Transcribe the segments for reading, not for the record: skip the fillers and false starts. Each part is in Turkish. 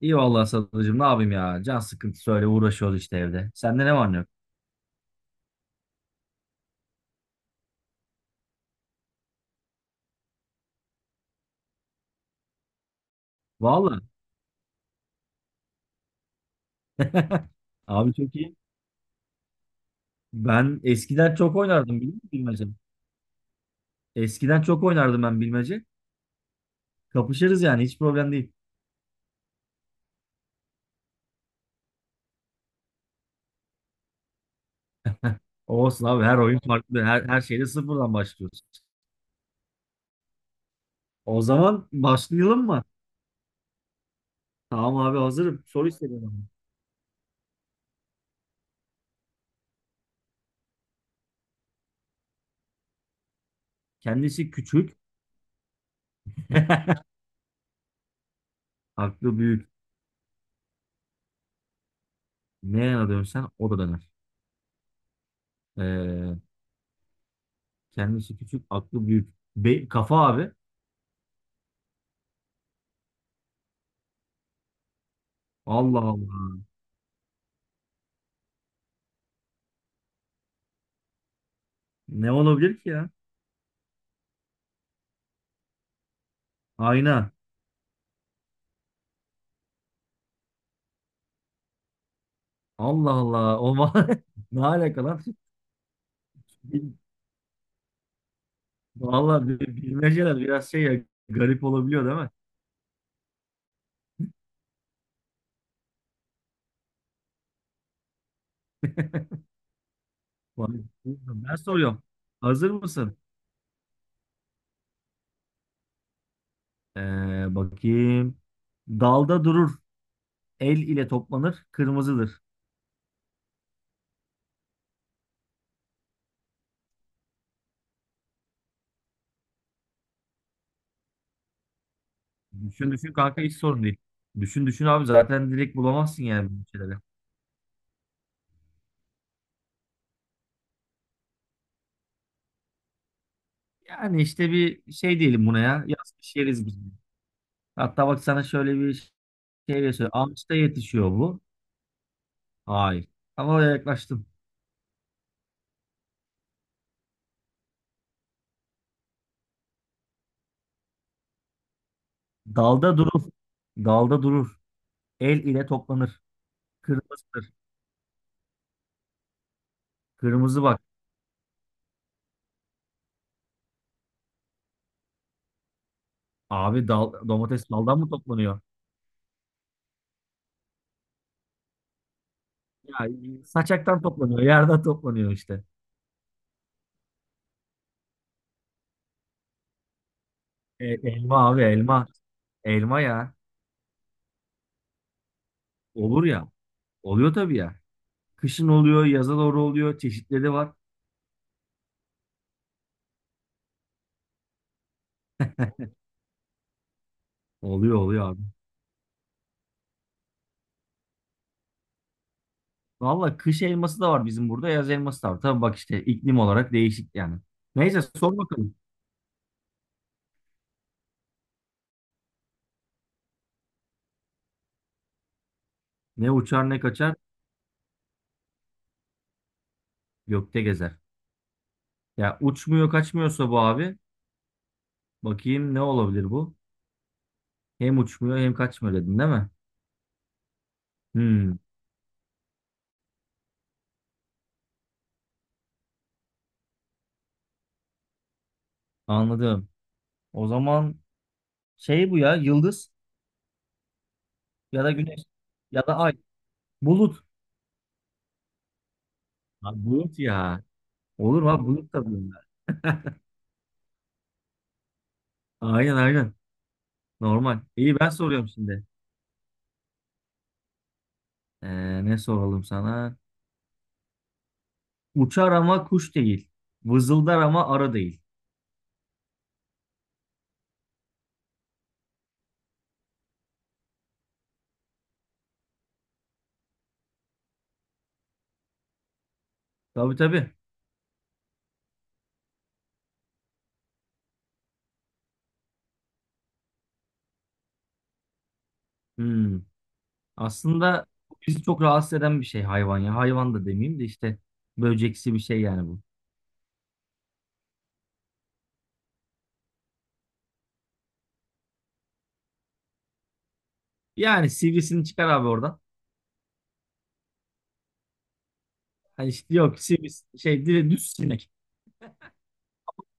İyi vallahi Sadıcığım ne yapayım ya. Can sıkıntısı öyle uğraşıyoruz işte evde. Sende ne var ne yok? Vallahi. Abi çok iyi. Ben eskiden çok oynardım biliyor musun bilmece? Eskiden çok oynardım ben bilmece. Kapışırız yani hiç problem değil. Olsun abi her oyun farklı. Her şeyde sıfırdan başlıyoruz. O zaman başlayalım mı? Tamam abi hazırım. Soru istedim abi. Kendisi küçük. Aklı büyük. Ne yana dönsen o da döner. Ee, Kendisi küçük, aklı büyük. Kafa abi. Allah Allah. Ne olabilir ki ya? Ayna. Allah Allah. Ne alaka lan? Bil- Vallahi bilmeceler biraz şey ya, garip olabiliyor değil mi? Vay, ben soruyorum. Hazır mısın? Bakayım. Dalda durur. El ile toplanır. Kırmızıdır. Düşün düşün kanka hiç sorun değil. Düşün düşün abi zaten direkt bulamazsın yani bu şeyleri. Yani işte bir şey diyelim buna ya. Yaz kış yeriz biz bunu. Hatta bak sana şöyle bir şey de söyleyeyim. Ağaçta yetişiyor bu. Hayır. Ama oraya yaklaştım. Dalda durur. Dalda durur. El ile toplanır. Kırmızıdır. Kırmızı bak. Abi dal, domates daldan mı toplanıyor? Ya saçaktan toplanıyor. Yerden toplanıyor işte. E, elma abi elma. Elma ya. Olur ya. Oluyor tabii ya. Kışın oluyor, yaza doğru oluyor. Çeşitleri var. Oluyor oluyor abi. Valla kış elması da var bizim burada. Yaz elması da var. Tabii bak işte iklim olarak değişik yani. Neyse sor bakalım. Ne uçar ne kaçar gökte gezer. Ya uçmuyor kaçmıyorsa bu abi. Bakayım ne olabilir bu? Hem uçmuyor hem kaçmıyor dedin değil mi? Hmm, anladım. O zaman şey bu ya yıldız ya da güneş ya da ay. Bulut. Ha, bulut ya. Olur mu abi bulut da bunlar. Aynen aynen. Normal. İyi ben soruyorum şimdi. Ne soralım sana? Uçar ama kuş değil. Vızıldar ama arı değil. Tabii tabii. Hmm. Aslında bizi çok rahatsız eden bir şey hayvan ya. Hayvan da demeyeyim de işte böceksi bir şey yani bu. Yani sivrisini çıkar abi oradan. Hani işte yok sivris şey düz sinek.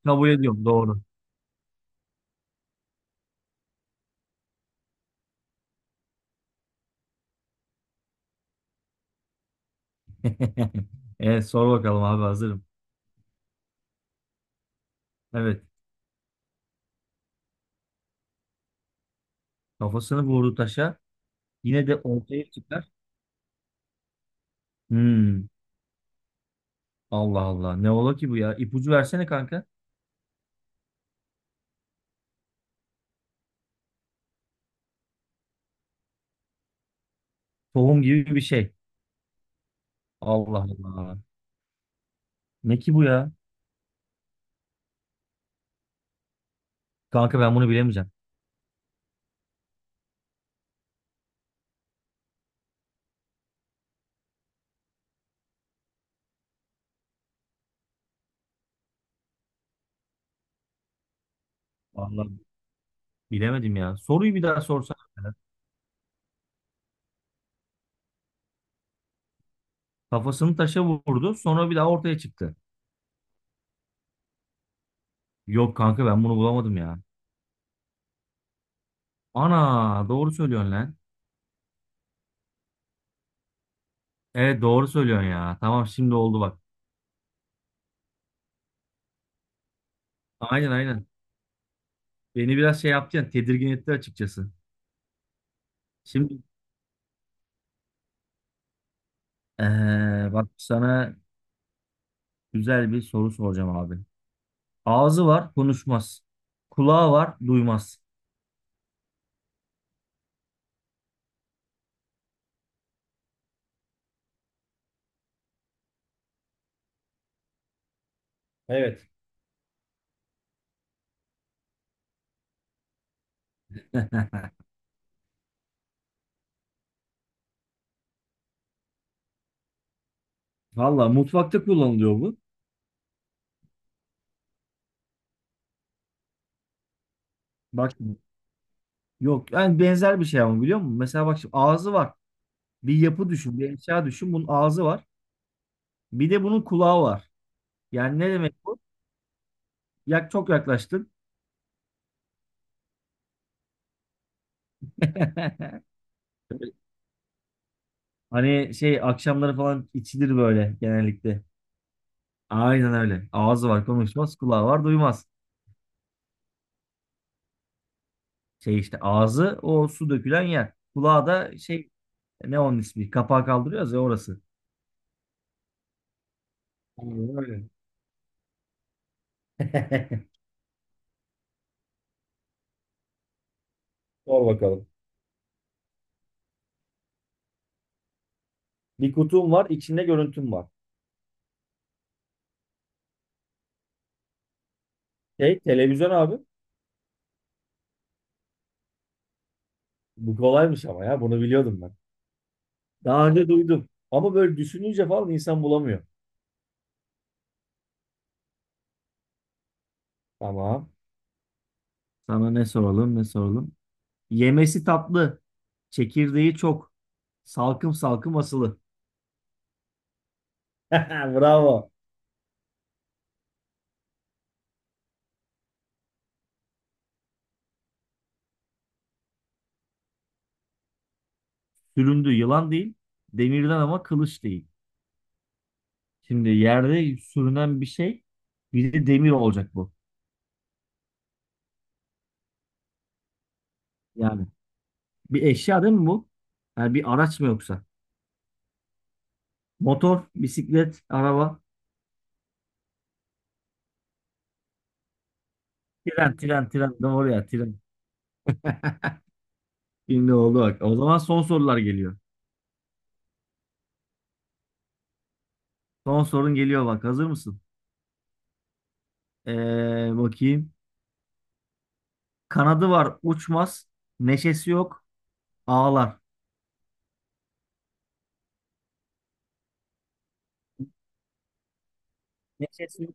Kabul ediyorum doğru. Evet sor bakalım abi hazırım. Evet kafasını vurdu taşa. Yine de ortaya çıkar. Hmm, Allah Allah ne ola ki bu ya? İpucu versene kanka. Tohum gibi bir şey. Allah Allah. Ne ki bu ya? Kanka ben bunu bilemeyeceğim. Vallahi bilemedim ya. Soruyu bir daha sorsana. Kafasını taşa vurdu sonra bir daha ortaya çıktı. Yok kanka ben bunu bulamadım ya. Ana doğru söylüyorsun lan. Evet doğru söylüyorsun ya. Tamam şimdi oldu bak. Aynen aynen. Beni biraz şey yaptı ya tedirgin etti açıkçası. Şimdi bak sana güzel bir soru soracağım abi. Ağzı var konuşmaz. Kulağı var duymaz. Evet. Valla mutfakta kullanılıyor bu. Bak şimdi, yok yani benzer bir şey ama biliyor musun? Mesela bak şimdi ağzı var. Bir yapı düşün, bir eşya düşün. Bunun ağzı var. Bir de bunun kulağı var. Yani ne demek bu? Yak çok yaklaştın. Hani şey akşamları falan içilir böyle genellikle. Aynen öyle. Ağzı var konuşmaz, kulağı var duymaz. Şey işte ağzı o su dökülen yer. Kulağı da şey ne onun ismi? Kapağı kaldırıyoruz ya orası. Aynen öyle. Sor bakalım. Bir kutum var, içinde görüntüm var. Şey, televizyon abi. Bu kolaymış ama ya, bunu biliyordum ben. Daha önce duydum. Ama böyle düşününce falan insan bulamıyor. Tamam. Sana ne soralım? Yemesi tatlı. Çekirdeği çok. Salkım salkım asılı. Bravo. Süründü yılan değil. Demirden ama kılıç değil. Şimdi yerde sürünen bir şey bir de demir olacak bu. Yani bir eşya değil mi bu? Yani bir araç mı yoksa? Motor, bisiklet, araba, tren. Doğru ya tren. Şimdi oldu bak. O zaman son sorular geliyor. Son sorun geliyor bak. Hazır mısın? Bakayım. Kanadı var uçmaz. Neşesi yok ağlar. Neşesi,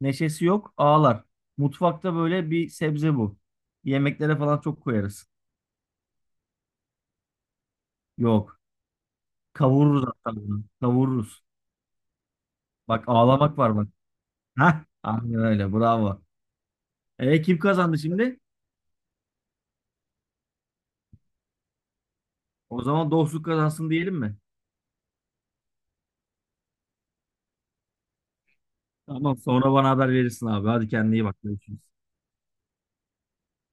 neşesi yok, ağlar. Mutfakta böyle bir sebze bu. Yemeklere falan çok koyarız. Yok. Kavururuz hatta bunu. Kavururuz. Bak ağlamak var bak. Hah. Aynen öyle. Bravo. E kim kazandı şimdi? O zaman dostluk kazansın diyelim mi? Tamam sonra bana haber verirsin abi. Hadi kendine iyi bak. Görüşürüz.